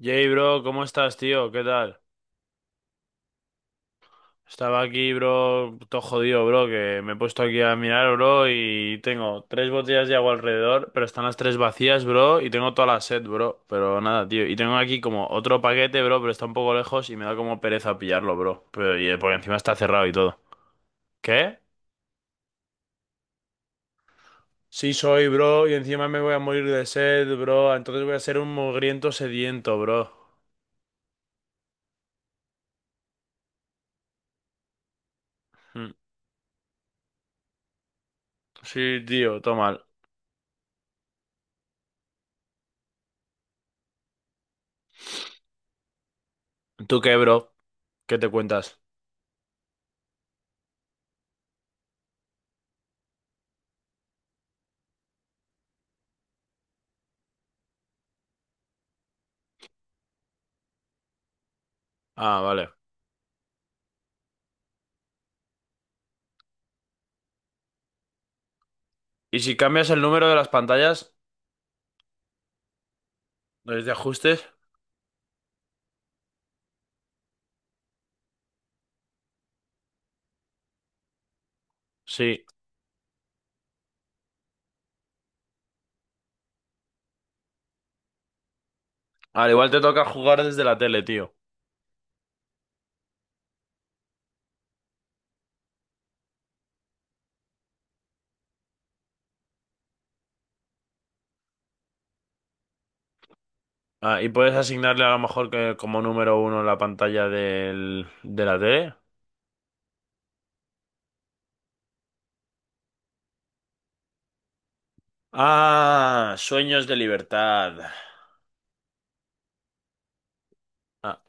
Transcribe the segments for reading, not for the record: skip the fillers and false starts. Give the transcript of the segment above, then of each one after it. Jay, bro, ¿cómo estás, tío? ¿Qué tal? Estaba aquí, bro, todo jodido, bro, que me he puesto aquí a mirar, bro, y tengo tres botellas de agua alrededor, pero están las tres vacías, bro, y tengo toda la sed, bro, pero nada, tío. Y tengo aquí como otro paquete, bro, pero está un poco lejos y me da como pereza pillarlo, bro. Pero, porque encima está cerrado y todo. ¿Qué? Sí soy, bro, y encima me voy a morir de sed, bro, entonces voy a ser un mugriento sediento, bro. Mm. Sí, tío, todo mal. ¿Tú qué, bro? ¿Qué te cuentas? Ah, vale. ¿Y si cambias el número de las pantallas, desde ajustes? Sí. Al igual te toca jugar desde la tele, tío. Ah, y puedes asignarle a lo mejor que como número uno la pantalla de la tele. Ah, sueños de libertad. Ah,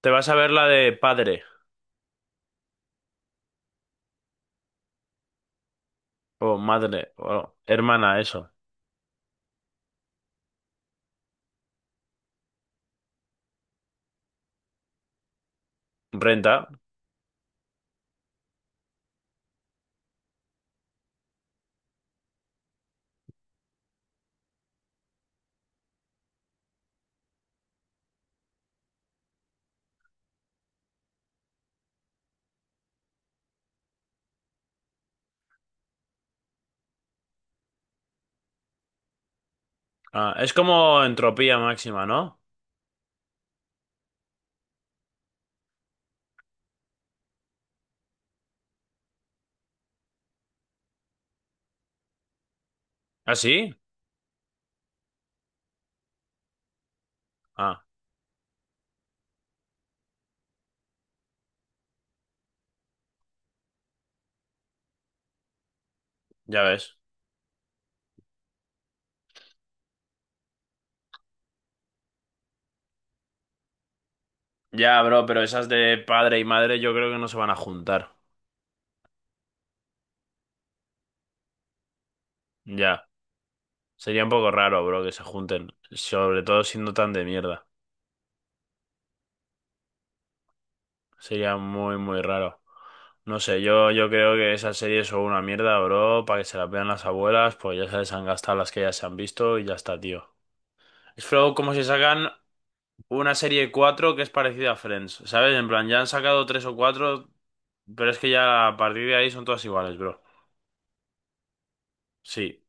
te vas a ver la de padre o madre o hermana, eso. Renta. Ah, es como entropía máxima, ¿no? ¿Ah, sí? Ah, ya ves. Ya, bro, pero esas de padre y madre yo creo que no se van a juntar. Ya. Sería un poco raro, bro, que se junten, sobre todo siendo tan de mierda. Sería muy, muy raro. No sé, yo creo que esas series son una mierda, bro, para que se las vean las abuelas, pues ya se les han gastado las que ya se han visto y ya está, tío. Es flow como si sacan una serie 4 que es parecida a Friends, ¿sabes? En plan, ya han sacado tres o cuatro, pero es que ya a partir de ahí son todas iguales, bro. Sí,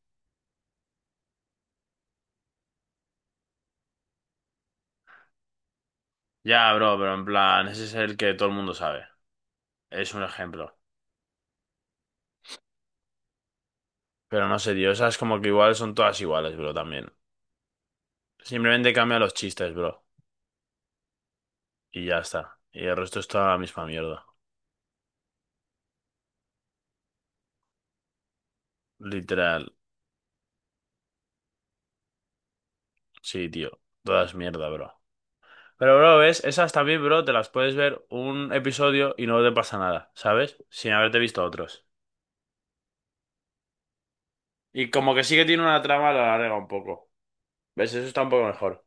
ya, bro, pero en plan, ese es el que todo el mundo sabe. Es un ejemplo. Pero no sé, tío, esas como que igual son todas iguales, bro, también. Simplemente cambia los chistes, bro. Y ya está. Y el resto es toda la misma mierda. Literal. Sí, tío. Todas mierda, bro. Pero, bro, ¿ves? Esas también, bro, te las puedes ver un episodio y no te pasa nada, ¿sabes? Sin haberte visto otros. Y como que sí que tiene una trama, la alarga un poco. ¿Ves? Eso está un poco mejor.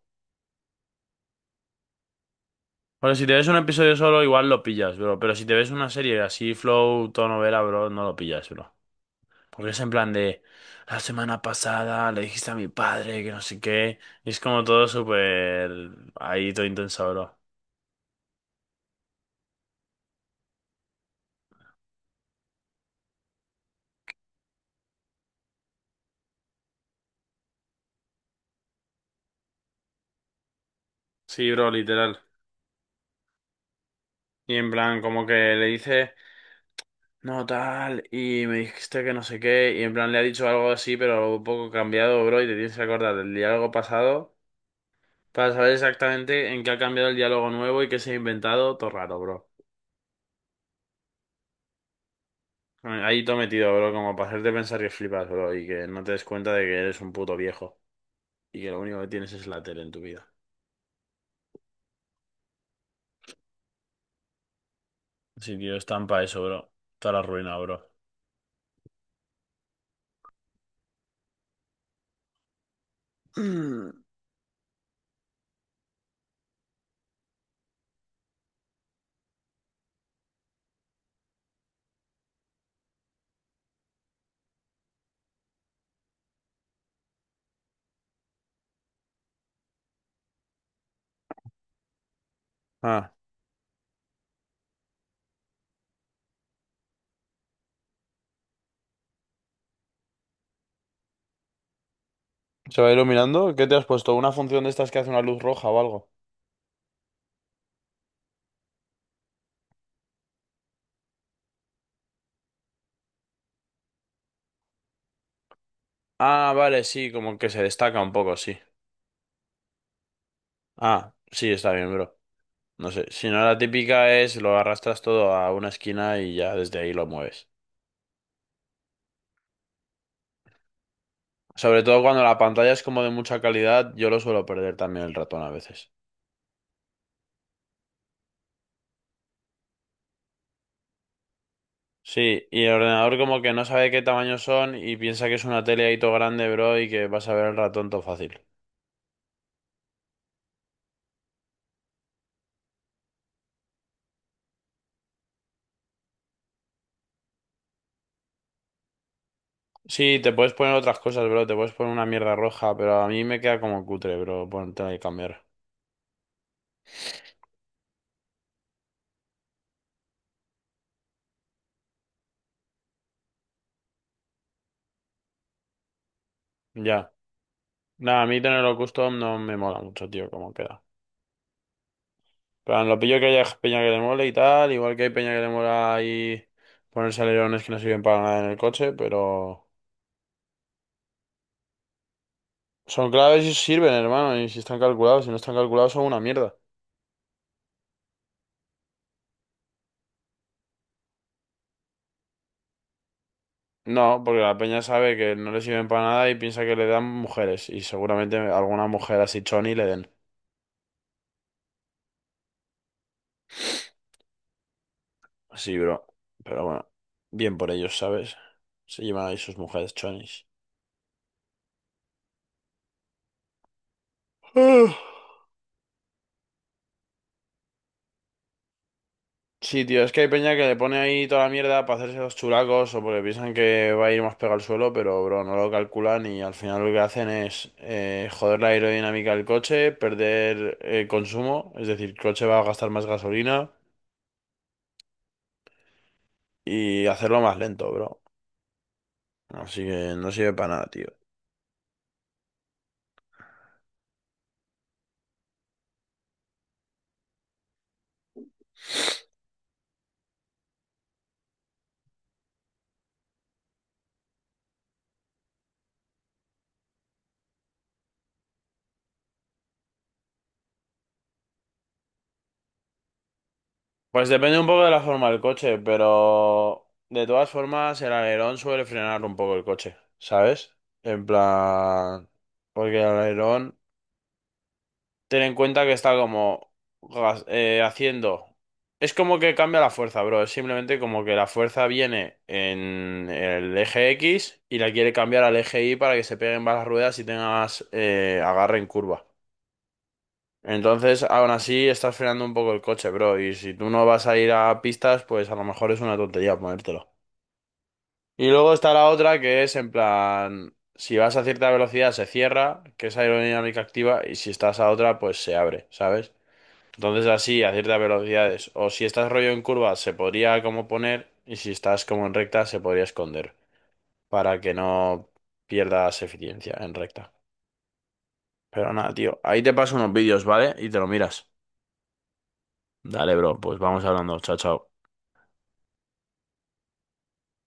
Bueno, si te ves un episodio solo, igual lo pillas, bro. Pero si te ves una serie así, flow, tono novela, bro, no lo pillas, bro. Porque es en plan de, la semana pasada le dijiste a mi padre que no sé qué. Y es como todo súper... Ahí todo intenso, bro. Sí, bro, literal. Y en plan, como que le dice, no, tal, y me dijiste que no sé qué, y en plan le ha dicho algo así, pero un poco cambiado, bro, y te tienes que acordar del diálogo pasado para saber exactamente en qué ha cambiado el diálogo nuevo y qué se ha inventado, todo raro, bro. Ahí todo metido, bro, como para hacerte pensar que flipas, bro, y que no te des cuenta de que eres un puto viejo, y que lo único que tienes es la tele en tu vida. Sí, tío, estampa eso, bro. Toda la ruina, bro. Mm. Ah, ¿se va iluminando? ¿Qué te has puesto? ¿Una función de estas que hace una luz roja o algo? Ah, vale, sí, como que se destaca un poco, sí. Ah, sí, está bien, bro. No sé, si no la típica es lo arrastras todo a una esquina y ya desde ahí lo mueves. Sobre todo cuando la pantalla es como de mucha calidad, yo lo suelo perder también el ratón a veces. Sí, y el ordenador como que no sabe qué tamaño son y piensa que es una tele ahí todo grande, bro, y que vas a ver el ratón todo fácil. Sí, te puedes poner otras cosas, bro, te puedes poner una mierda roja, pero a mí me queda como cutre, bro, ponerte que cambiar. Ya. Nada, a mí tenerlo custom no me mola mucho, tío, como queda. Pero lo pillo que haya peña que le mole y tal, igual que hay peña que le mola ahí ponerse alerones que no sirven para nada en el coche, pero son claves y sirven, hermano, y si están calculados, si no están calculados son una mierda. No, porque la peña sabe que no le sirven para nada y piensa que le dan mujeres. Y seguramente alguna mujer así choni le den. Sí, bro. Pero bueno, bien por ellos, ¿sabes? Se llevan ahí sus mujeres chonis. Ah. Sí, tío, es que hay peña que le pone ahí toda la mierda para hacerse los chulacos o porque piensan que va a ir más pegado al suelo, pero bro, no lo calculan y al final lo que hacen es joder la aerodinámica del coche, perder consumo, es decir, el coche va a gastar más gasolina y hacerlo más lento, bro. Así que no sirve para nada, tío. Pues depende un poco de la forma del coche, pero de todas formas el alerón suele frenar un poco el coche, ¿sabes? En plan, porque el alerón, ten en cuenta que está como haciendo... Es como que cambia la fuerza, bro. Es simplemente como que la fuerza viene en el eje X y la quiere cambiar al eje Y para que se peguen más las ruedas y tengas agarre en curva. Entonces, aún así, estás frenando un poco el coche, bro. Y si tú no vas a ir a pistas, pues a lo mejor es una tontería ponértelo. Y luego está la otra que es en plan, si vas a cierta velocidad se cierra, que es aerodinámica activa, y si estás a otra, pues se abre, ¿sabes? Entonces así, a ciertas velocidades. O si estás rollo en curva, se podría como poner, y si estás como en recta, se podría esconder, para que no pierdas eficiencia en recta. Pero nada, tío, ahí te paso unos vídeos, ¿vale? Y te lo miras. Dale, bro, pues vamos hablando. Chao, chao.